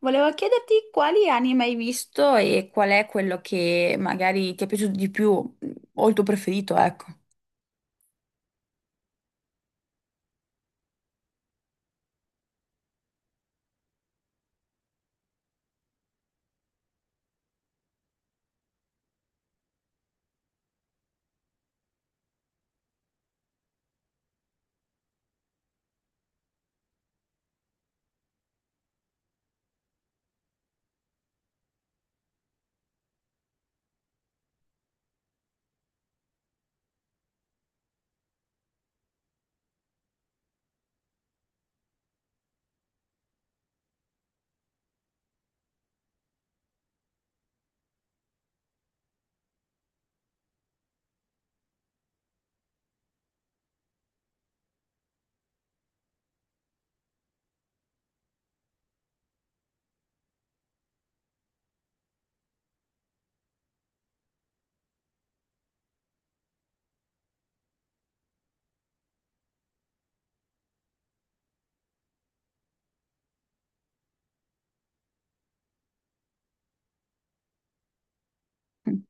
Volevo chiederti quali anime hai visto e qual è quello che magari ti è piaciuto di più o il tuo preferito, ecco. Mm.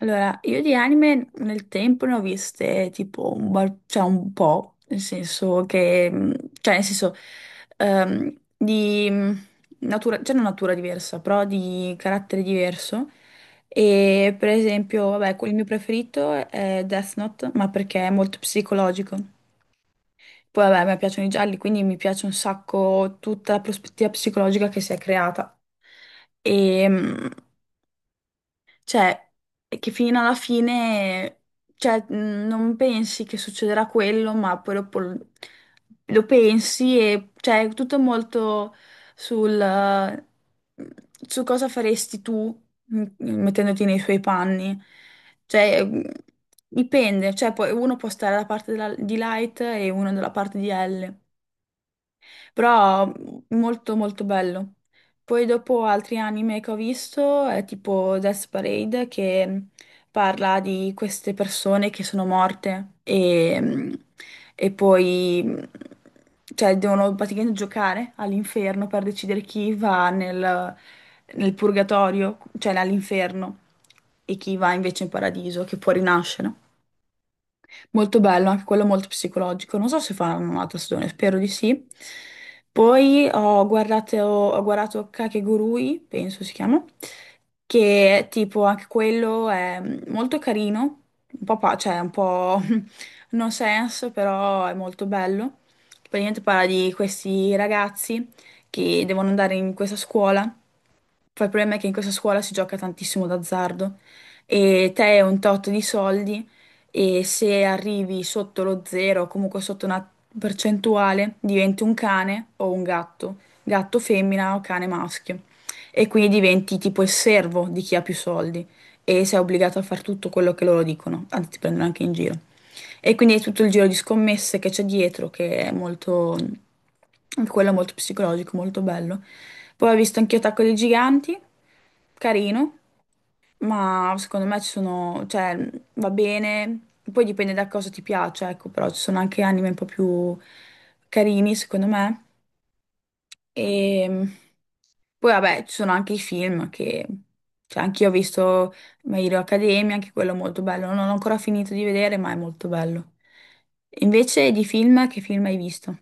Allora, io di anime nel tempo ne ho viste tipo cioè un po', nel senso che, cioè nel senso di natura, cioè non natura diversa, però di carattere diverso. E per esempio, vabbè, il mio preferito è Death Note, ma perché è molto psicologico. Poi vabbè, a me piacciono i gialli, quindi mi piace un sacco tutta la prospettiva psicologica che si è creata. E cioè, e che fino alla fine, cioè, non pensi che succederà quello, ma poi dopo lo pensi e cioè, è tutto molto sul su cosa faresti tu mettendoti nei suoi panni. Cioè, dipende, cioè, poi uno può stare dalla parte di Light e uno dalla parte di L. Però molto molto bello. Poi dopo altri anime che ho visto è tipo Death Parade che parla di queste persone che sono morte e poi cioè, devono praticamente giocare all'inferno per decidere chi va nel purgatorio, cioè all'inferno, e chi va invece in paradiso, che può rinascere. Molto bello, anche quello molto psicologico. Non so se faranno un'altra stagione, spero di sì. Poi ho guardato Kakegurui, penso si chiama, che tipo anche quello è molto carino, un po', cioè un po' no sense, però è molto bello. Praticamente parla di questi ragazzi che devono andare in questa scuola. Poi il problema è che in questa scuola si gioca tantissimo d'azzardo e te hai un tot di soldi, e se arrivi sotto lo zero o comunque sotto una percentuale diventi un cane o un gatto, gatto femmina o cane maschio, e quindi diventi tipo il servo di chi ha più soldi e sei obbligato a fare tutto quello che loro dicono, anzi ti prendono anche in giro. E quindi è tutto il giro di scommesse che c'è dietro, che è molto, anche quello è molto psicologico, molto bello. Poi ho visto anche Attacco dei Giganti, carino, ma secondo me ci sono, cioè, va bene, poi dipende da cosa ti piace, ecco, però ci sono anche anime un po' più carini, secondo me. E. Poi vabbè, ci sono anche i film che. Cioè, anch'io ho visto My Hero Academia, anche quello è molto bello. Non ho ancora finito di vedere, ma è molto bello. Invece di film, che film hai visto?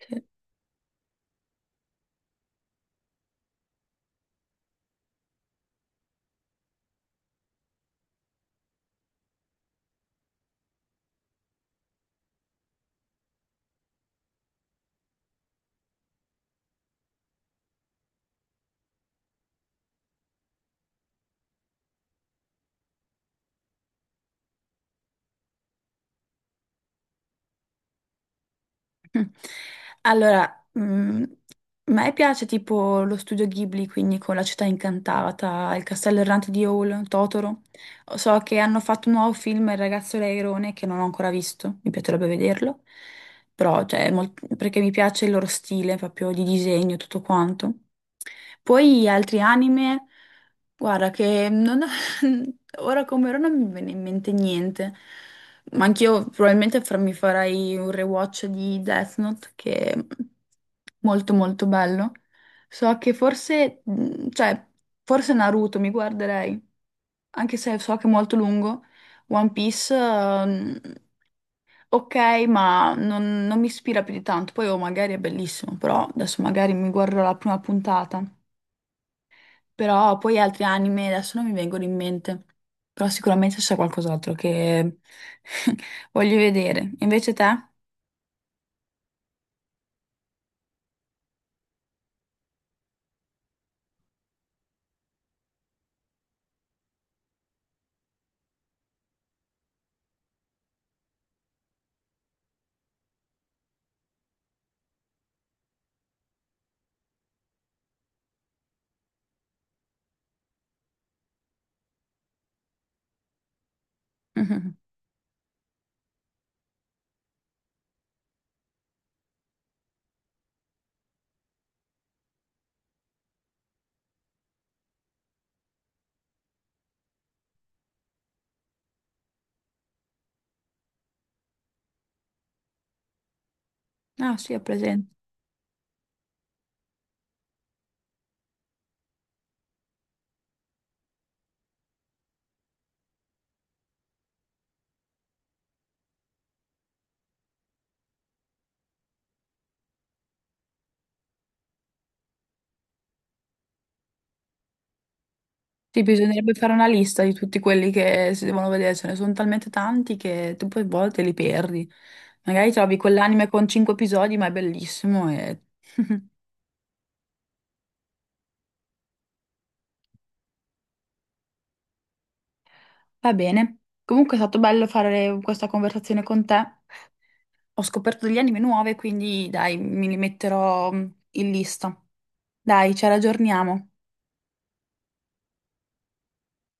Cioè. Allora, a me piace tipo lo studio Ghibli, quindi con La città incantata, Il castello errante di Howl, Totoro. So che hanno fatto un nuovo film, Il ragazzo leirone, che non ho ancora visto, mi piacerebbe vederlo, però cioè, perché mi piace il loro stile proprio di disegno, e tutto quanto. Poi altri anime, guarda che ora come ora non mi viene in mente niente. Ma anch'io probabilmente mi farei un rewatch di Death Note che è molto molto bello. So che forse, cioè, forse Naruto mi guarderei, anche se so che è molto lungo. One Piece, ok, ma non mi ispira più di tanto. Poi oh, magari è bellissimo, però adesso magari mi guarderò la prima puntata. Però poi altri anime adesso non mi vengono in mente. Però sicuramente c'è qualcos'altro che voglio vedere. Invece te? Mhm. Ah, sì, ho presente. Sì, bisognerebbe fare una lista di tutti quelli che si devono vedere. Ce ne sono talmente tanti che tu poi a volte li perdi. Magari trovi quell'anime con cinque episodi, ma è bellissimo e. Va bene. Comunque è stato bello fare questa conversazione con te. Ho scoperto degli anime nuove, quindi dai, mi li metterò in lista. Dai, ci raggiorniamo.